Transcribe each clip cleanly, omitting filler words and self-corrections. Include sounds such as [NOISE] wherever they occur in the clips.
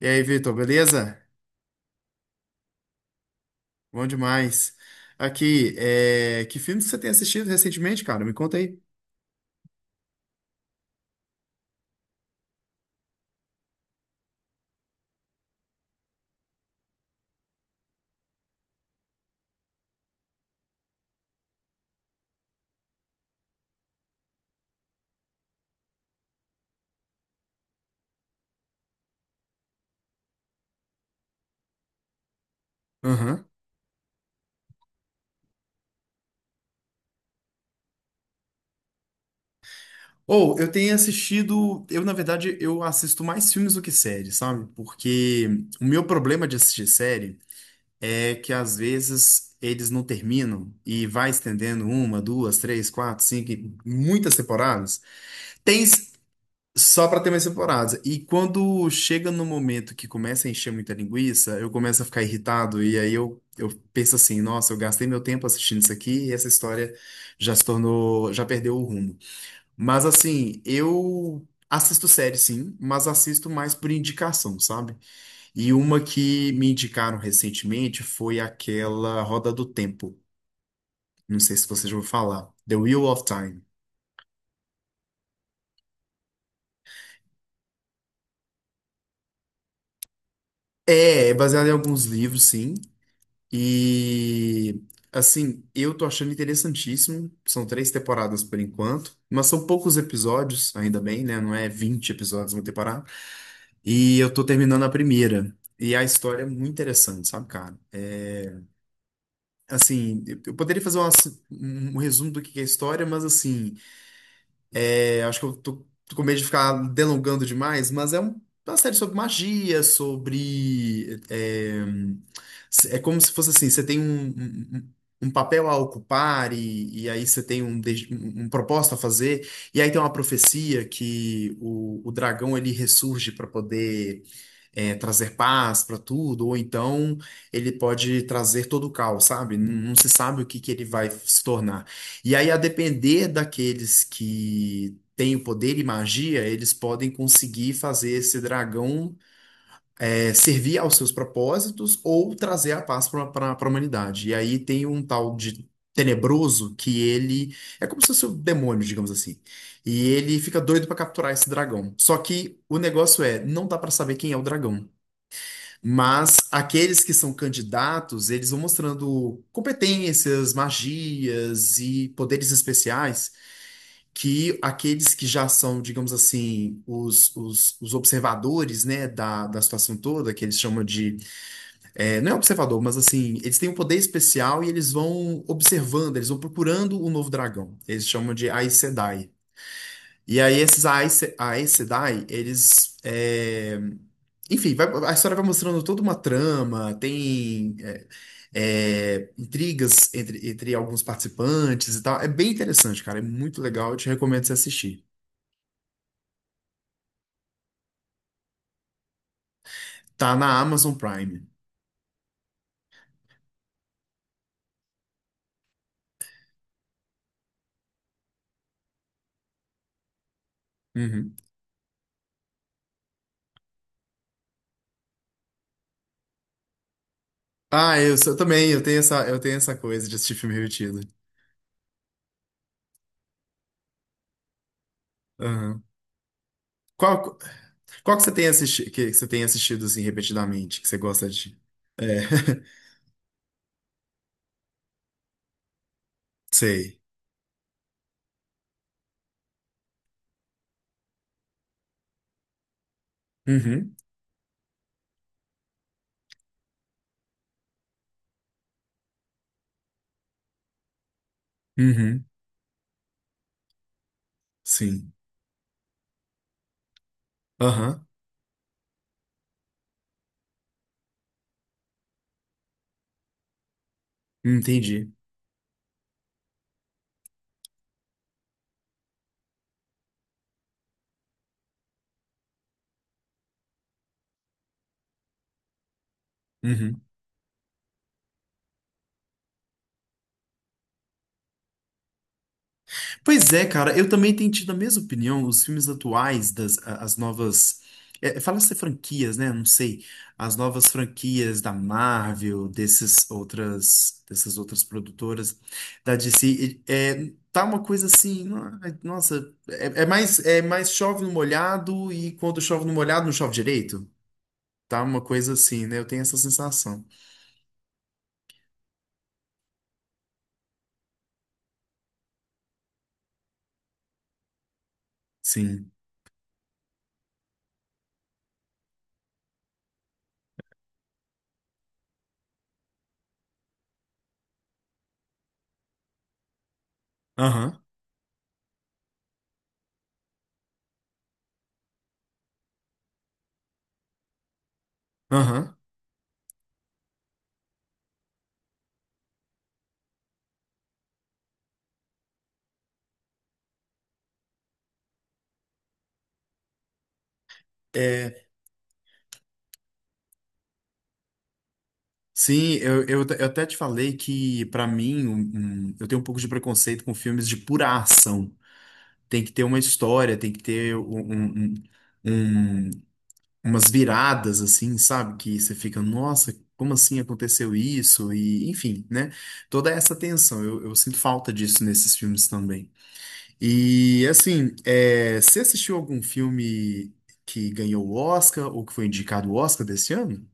E aí, Vitor, beleza? Bom demais. Aqui, que filmes que você tem assistido recentemente, cara? Me conta aí. Aham. Ou eu tenho assistido. Eu, na verdade, eu assisto mais filmes do que séries, sabe? Porque o meu problema de assistir série é que às vezes eles não terminam e vai estendendo uma, duas, três, quatro, cinco, muitas temporadas. Tem, só para ter mais temporadas. E quando chega no momento que começa a encher muita linguiça, eu começo a ficar irritado e aí eu penso assim, nossa, eu gastei meu tempo assistindo isso aqui e essa história já se tornou, já perdeu o rumo. Mas assim, eu assisto série sim, mas assisto mais por indicação, sabe? E uma que me indicaram recentemente foi aquela Roda do Tempo. Não sei se você já ouviu falar. The Wheel of Time. É, é baseado em alguns livros, sim. E assim, eu tô achando interessantíssimo. São três temporadas por enquanto, mas são poucos episódios, ainda bem, né? Não é 20 episódios uma temporada. E eu tô terminando a primeira. E a história é muito interessante, sabe, cara? Assim, eu um resumo do que é a história, mas assim, acho que tô com medo de ficar delongando demais, mas uma série sobre magia, é como se fosse assim: você tem um papel a ocupar, e aí você tem um propósito a fazer, e aí tem uma profecia que o dragão ele ressurge para poder. Trazer paz para tudo, ou então ele pode trazer todo o caos, sabe? Não, não se sabe o que que ele vai se tornar. E aí, a depender daqueles que têm o poder e magia, eles podem conseguir fazer esse dragão servir aos seus propósitos ou trazer a paz para a humanidade. E aí tem um tal de Tenebroso que ele é como se fosse um demônio, digamos assim. E ele fica doido para capturar esse dragão. Só que o negócio é, não dá para saber quem é o dragão. Mas aqueles que são candidatos, eles vão mostrando competências, magias e poderes especiais que aqueles que já são, digamos assim, os observadores, né, da situação toda, que eles chamam de, não é observador, mas assim, eles têm um poder especial e eles vão observando, eles vão procurando o novo dragão. Eles chamam de Aes Sedai. E aí esses Aes Sedai, eles, enfim, a história vai mostrando toda uma trama, tem intrigas entre, entre alguns participantes e tal. É bem interessante, cara. É muito legal. Eu te recomendo você assistir. Tá na Amazon Prime. Uhum. Também, eu tenho essa coisa de assistir filme repetido. Aham. Qual, qual que você tem assistido, que você tem assistido assim repetidamente, que você gosta de? É, [LAUGHS] sei. Uhum. Uhum. Sim. Aham. Entendi. Uhum. Pois é, cara, eu também tenho tido a mesma opinião. Os filmes atuais das a- as novas, fala-se franquias, né? Não sei, as novas franquias da Marvel, desses outras, dessas outras produtoras da DC, é, tá uma coisa assim, nossa, é, é mais chove no molhado e quando chove no molhado não chove direito. Tá uma coisa assim, né? Eu tenho essa sensação. Sim. Aham. Aham. É, Sim, eu até te falei que, pra mim, eu tenho um pouco de preconceito com filmes de pura ação. Tem que ter uma história, tem que ter um- umas viradas, assim, sabe? Que você fica, nossa, como assim aconteceu isso? E, enfim, né? Toda essa tensão, eu sinto falta disso nesses filmes também. E, assim, é, você assistiu algum filme que ganhou o Oscar ou que foi indicado o Oscar desse ano?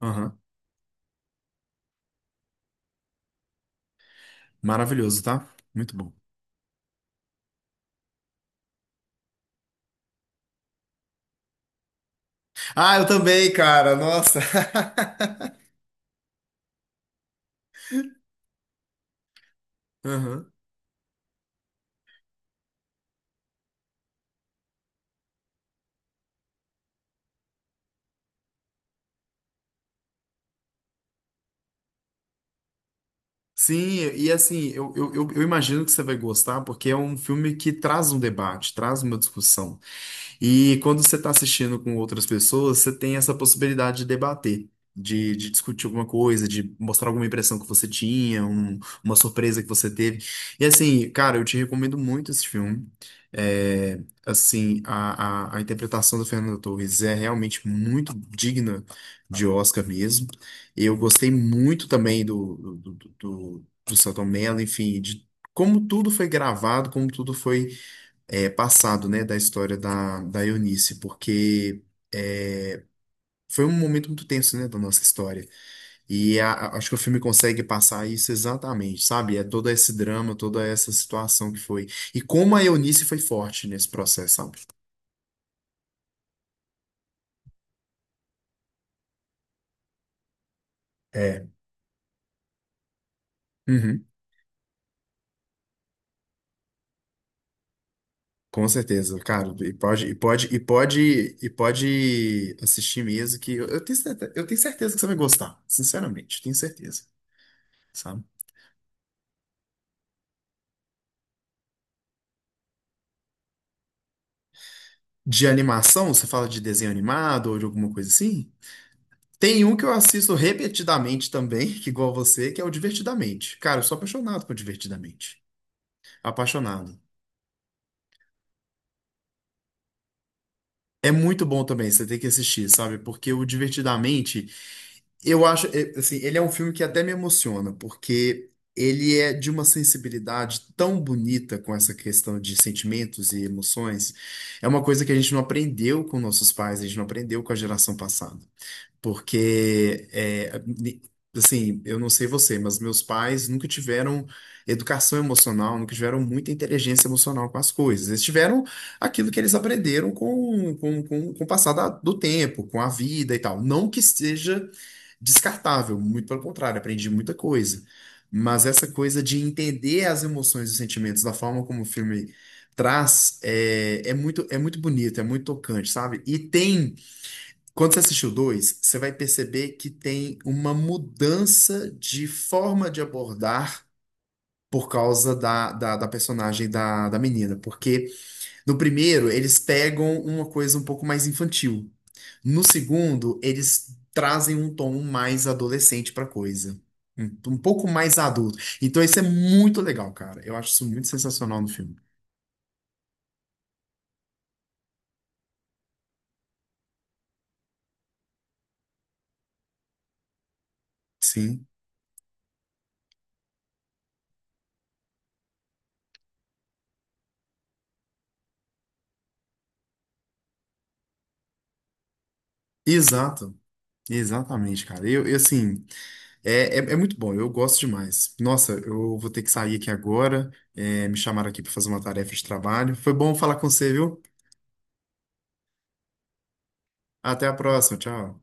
Aham, maravilhoso, tá? Muito bom. Ah, eu também, cara. Nossa. [LAUGHS] Aham. Sim, e assim, eu imagino que você vai gostar, porque é um filme que traz um debate, traz uma discussão. E quando você está assistindo com outras pessoas, você tem essa possibilidade de debater, de discutir alguma coisa, de mostrar alguma impressão que você tinha, uma surpresa que você teve. E assim, cara, eu te recomendo muito esse filme. É, assim, a interpretação do Fernando Torres é realmente muito digna de Oscar mesmo. Eu gostei muito também do Selton Mello, enfim, de como tudo foi gravado, como tudo foi passado, né, da história da Eunice, porque é, foi um momento muito tenso, né, da nossa história. E acho que o filme consegue passar isso exatamente, sabe? É todo esse drama, toda essa situação que foi. E como a Eunice foi forte nesse processo, sabe? É. Uhum. Com certeza, cara, e pode assistir mesmo que eu tenho certeza, eu tenho certeza que você vai gostar, sinceramente, tenho certeza, sabe? De animação, você fala de desenho animado ou de alguma coisa assim? Tem um que eu assisto repetidamente também, [LAUGHS] que igual você, que é o Divertidamente. Cara, eu sou apaixonado por Divertidamente. Apaixonado. É muito bom também, você tem que assistir, sabe? Porque o Divertidamente, eu acho, é, assim, ele é um filme que até me emociona, porque ele é de uma sensibilidade tão bonita com essa questão de sentimentos e emoções. É uma coisa que a gente não aprendeu com nossos pais, a gente não aprendeu com a geração passada. Porque, assim, eu não sei você, mas meus pais nunca tiveram educação emocional, nunca tiveram muita inteligência emocional com as coisas. Eles tiveram aquilo que eles aprenderam com o passar do tempo, com a vida e tal. Não que seja descartável, muito pelo contrário, aprendi muita coisa. Mas essa coisa de entender as emoções e os sentimentos da forma como o filme traz é, é muito bonito, é muito tocante, sabe? E tem. Quando você assistir o 2, você vai perceber que tem uma mudança de forma de abordar por causa da personagem da menina. Porque no primeiro, eles pegam uma coisa um pouco mais infantil. No segundo, eles trazem um tom mais adolescente pra coisa. Um, Um pouco mais adulto. Então isso é muito legal, cara. Eu acho isso muito sensacional no filme. Sim. Exato. Exatamente, cara. Eu assim. É muito bom, eu gosto demais. Nossa, eu vou ter que sair aqui agora. É, me chamaram aqui para fazer uma tarefa de trabalho. Foi bom falar com você, viu? Até a próxima, tchau.